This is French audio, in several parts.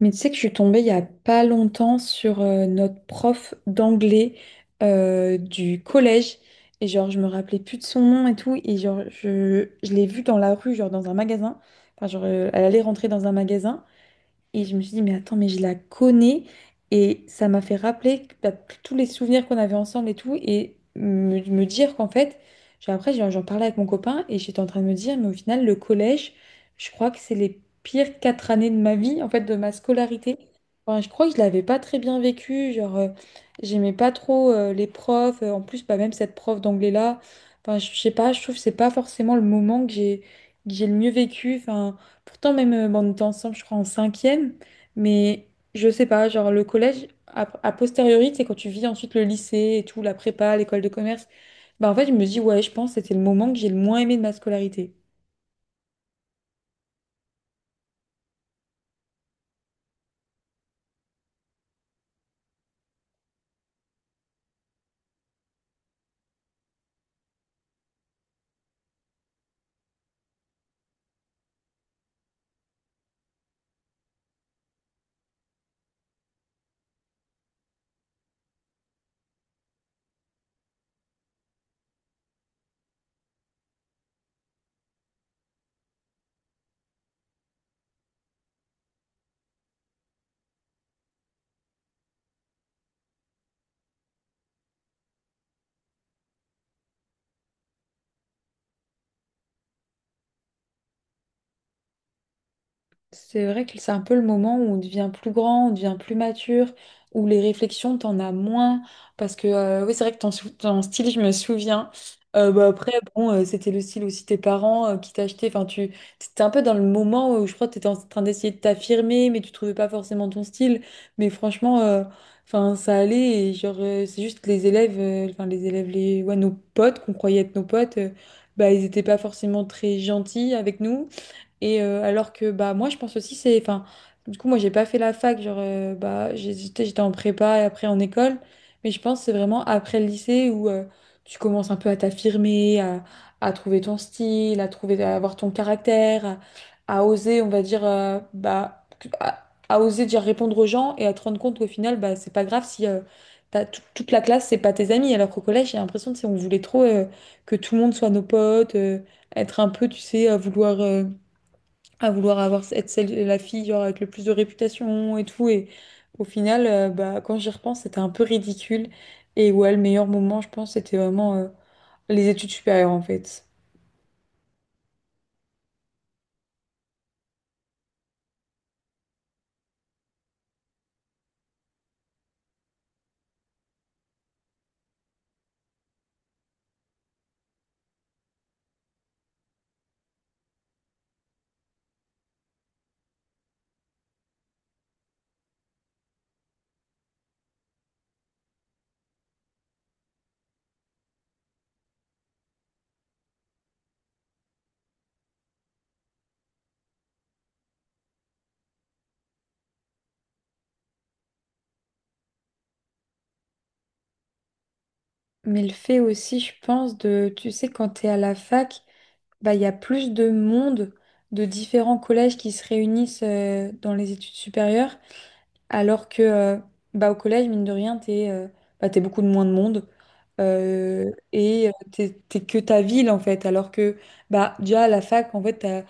Mais tu sais que je suis tombée il y a pas longtemps sur notre prof d'anglais du collège. Et genre, je me rappelais plus de son nom et tout. Et genre, je l'ai vue dans la rue, genre dans un magasin. Enfin, genre, elle allait rentrer dans un magasin. Et je me suis dit, mais attends, mais je la connais. Et ça m'a fait rappeler bah, tous les souvenirs qu'on avait ensemble et tout. Et me dire qu'en fait, après, j'en parlais avec mon copain et j'étais en train de me dire, mais au final, le collège, je crois que c'est les pires 4 années de ma vie, en fait, de ma scolarité. Enfin, je crois que je l'avais pas très bien vécu. Genre, j'aimais pas trop les profs. En plus, bah, même cette prof d'anglais-là. Enfin, je sais pas, je trouve que c'est pas forcément le moment que j'ai le mieux vécu. Enfin, pourtant, même, bon, on était ensemble, je crois, en cinquième, mais je sais pas, genre le collège, a posteriori, c'est quand tu vis ensuite le lycée et tout, la prépa, l'école de commerce, bah en fait, je me dis, ouais, je pense que c'était le moment que j'ai le moins aimé de ma scolarité. C'est vrai que c'est un peu le moment où on devient plus grand, on devient plus mature, où les réflexions, t'en as moins. Parce que, oui, c'est vrai que ton style, je me souviens. Bah, après, bon, c'était le style aussi de tes parents qui t'achetaient. Enfin, tu étais un peu dans le moment où je crois que t'étais en train d'essayer de t'affirmer, mais tu trouvais pas forcément ton style. Mais franchement, enfin, ça allait. Et genre, c'est juste que les élèves, enfin, les élèves, les, ouais, nos potes qu'on croyait être nos potes, bah, ils étaient pas forcément très gentils avec nous. Et alors que bah moi je pense aussi c'est enfin du coup moi j'ai pas fait la fac genre bah j'étais en prépa et après en école, mais je pense que c'est vraiment après le lycée où tu commences un peu à t'affirmer, à trouver ton style, à trouver à avoir ton caractère, à oser on va dire bah à oser dire répondre aux gens et à te rendre compte qu'au final bah c'est pas grave si toute la classe c'est pas tes amis, alors qu'au collège j'ai l'impression que c'est on voulait trop que tout le monde soit nos potes, être un peu tu sais à vouloir avoir être celle, la fille genre, avec le plus de réputation et tout. Et au final, bah, quand j'y repense, c'était un peu ridicule. Et ouais, le meilleur moment, je pense, c'était vraiment les études supérieures en fait. Mais le fait aussi, je pense, de, tu sais, quand t'es à la fac, bah, il y a plus de monde de différents collèges qui se réunissent dans les études supérieures. Alors que bah, au collège, mine de rien, t'es bah, t'es beaucoup de moins de monde, t'es que ta ville en fait. Alors que bah, déjà à la fac, en fait, t'as,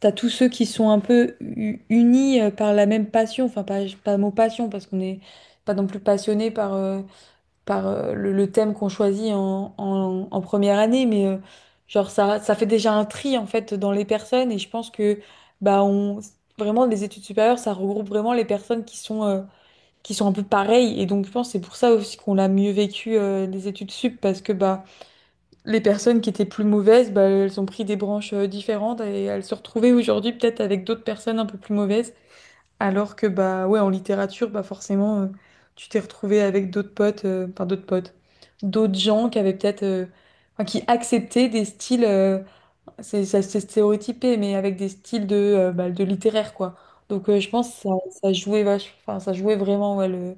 t'as tous ceux qui sont un peu unis par la même passion. Enfin, pas le mot passion parce qu'on n'est pas non plus passionné par le thème qu'on choisit en première année, mais genre ça, ça fait déjà un tri en fait dans les personnes, et je pense que bah, on, vraiment les études supérieures, ça regroupe vraiment les personnes qui sont un peu pareils. Et donc, je pense que c'est pour ça aussi qu'on l'a mieux vécu les études sup, parce que bah, les personnes qui étaient plus mauvaises, bah, elles ont pris des branches différentes et elles se retrouvaient aujourd'hui peut-être avec d'autres personnes un peu plus mauvaises. Alors que bah ouais, en littérature, bah forcément, tu t'es retrouvé avec d'autres potes, enfin d'autres potes, d'autres gens qui avaient peut-être, enfin, qui acceptaient des styles, c'est stéréotypé, mais avec des styles de, bah, de littéraire quoi. Donc je pense que ça jouait enfin ça jouait vraiment ouais, le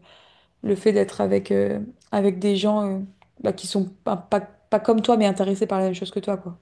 le fait d'être avec, avec des gens bah, qui sont pas comme toi, mais intéressés par la même chose que toi, quoi.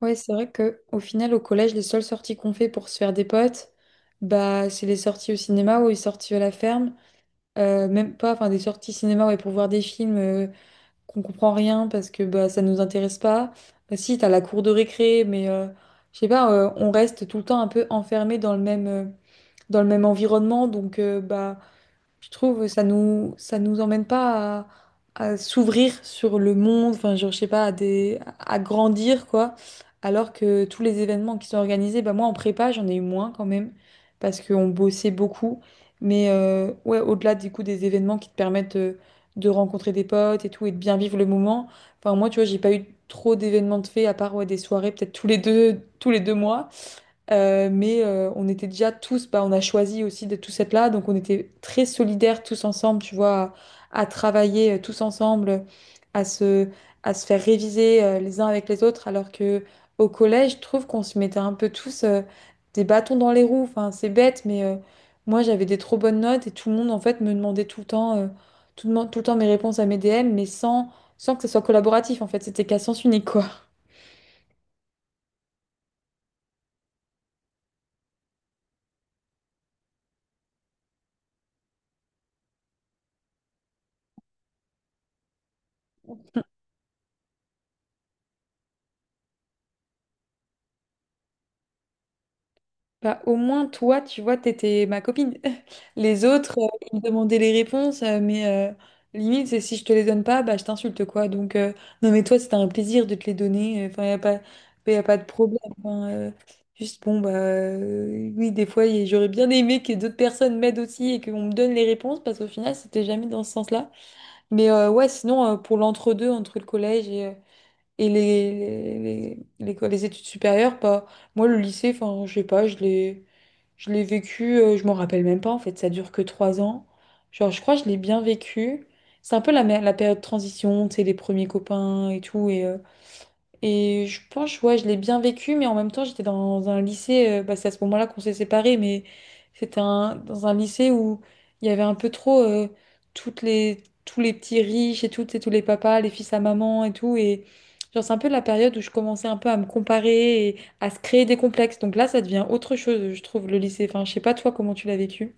Ouais, c'est vrai que au final, au collège, les seules sorties qu'on fait pour se faire des potes, bah, c'est les sorties au cinéma ou les sorties à la ferme. Même pas, enfin, des sorties cinéma ouais, pour voir des films qu'on comprend rien parce que bah, ça nous intéresse pas. Si, t'as la cour de récré, mais je sais pas, on reste tout le temps un peu enfermé dans le même environnement. Donc, je trouve ça nous emmène pas à s'ouvrir sur le monde, enfin genre, je sais pas, à grandir quoi. Alors que tous les événements qui sont organisés, bah moi en prépa j'en ai eu moins quand même parce qu'on bossait beaucoup. Mais ouais, au-delà du coup des événements qui te permettent de rencontrer des potes et tout et de bien vivre le moment. Enfin moi tu vois j'ai pas eu trop d'événements de fait à part ouais, des soirées peut-être tous les deux mois. On était déjà tous, bah, on a choisi aussi de tous être là, donc on était très solidaires tous ensemble, tu vois, à travailler tous ensemble, à se, à se faire réviser les uns avec les autres, alors que au collège, je trouve qu'on se mettait un peu tous des bâtons dans les roues. Enfin, c'est bête, mais moi j'avais des trop bonnes notes et tout le monde en fait me demandait tout le temps, tout le temps mes réponses à mes DM, mais sans que ce soit collaboratif en fait, c'était qu'à sens unique quoi. Bah, au moins, toi, tu vois, t'étais ma copine. Les autres, ils me demandaient les réponses, limite, c'est si je te les donne pas, bah, je t'insulte, quoi. Donc, non, mais toi, c'était un plaisir de te les donner. Enfin, y a pas de problème. Enfin, juste, bon, bah, oui, des fois, j'aurais bien aimé que d'autres personnes m'aident aussi et qu'on me donne les réponses, parce qu'au final, c'était jamais dans ce sens-là. Mais ouais, sinon, pour l'entre-deux, entre le collège et les études supérieures, pas. Moi, le lycée, enfin, je sais pas, je l'ai vécu, je m'en rappelle même pas, en fait, ça dure que 3 ans. Genre, je crois que je l'ai bien vécu. C'est un peu la période de transition, tu sais, les premiers copains et tout, et je pense, ouais, je l'ai bien vécu, mais en même temps, j'étais dans un lycée, bah, c'est à ce moment-là qu'on s'est séparés, mais c'était dans un lycée où il y avait un peu trop tous les petits riches et tout, tu sais, tous les papas, les fils à maman et tout. Et genre, c'est un peu la période où je commençais un peu à me comparer et à se créer des complexes. Donc là, ça devient autre chose, je trouve, le lycée. Enfin, je sais pas, toi, comment tu l'as vécu.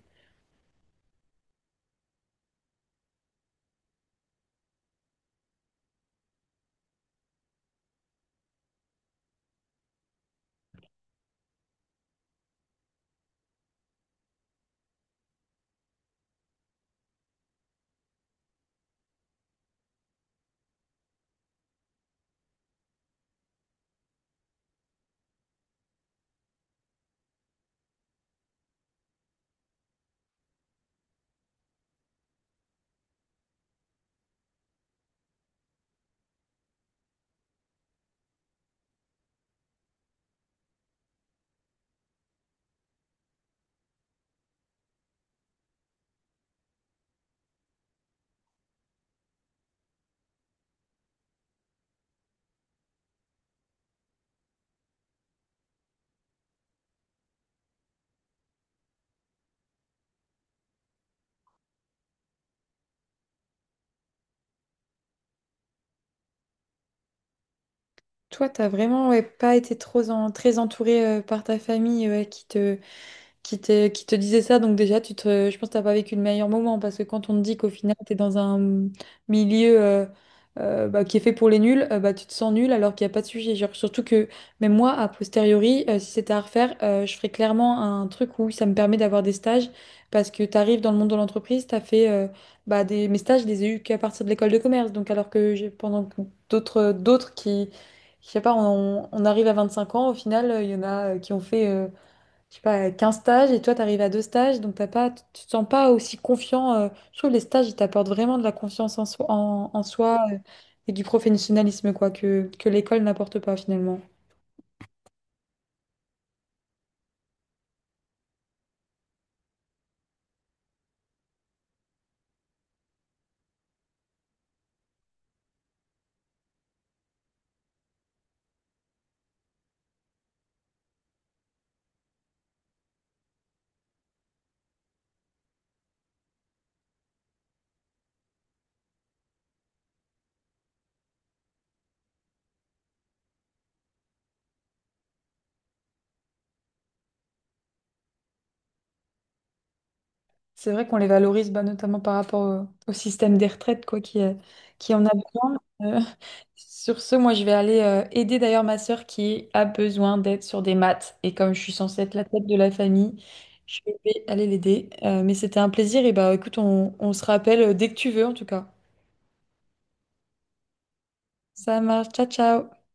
Toi, t'as vraiment ouais, pas été trop très entourée par ta famille qui te disait ça. Donc déjà, je pense que t'as pas vécu le meilleur moment parce que quand on te dit qu'au final, tu es dans un milieu bah, qui est fait pour les nuls, bah, tu te sens nul alors qu'il n'y a pas de sujet. Genre, surtout que même moi, a posteriori, si c'était à refaire, je ferais clairement un truc où ça me permet d'avoir des stages parce que tu arrives dans le monde de l'entreprise, tu as fait bah, mes stages, je les ai eus qu'à partir de l'école de commerce. Donc alors que j'ai pendant que d'autres qui... Je sais pas, on arrive à 25 ans, au final, il y en a qui ont fait je sais pas, 15 stages et toi, tu arrives à deux stages, donc t'as pas, tu te sens pas aussi confiant. Je trouve que les stages, ils t'apportent vraiment de la confiance en soi, en soi, et du professionnalisme, quoi, que l'école n'apporte pas finalement. C'est vrai qu'on les valorise bah, notamment par rapport au système des retraites quoi, qui en a besoin. Sur ce, moi, je vais aller aider d'ailleurs ma sœur qui a besoin d'aide sur des maths. Et comme je suis censée être la tête de la famille, je vais aller l'aider. Mais c'était un plaisir. Et bah écoute, on se rappelle dès que tu veux en tout cas. Ça marche. Ciao, ciao.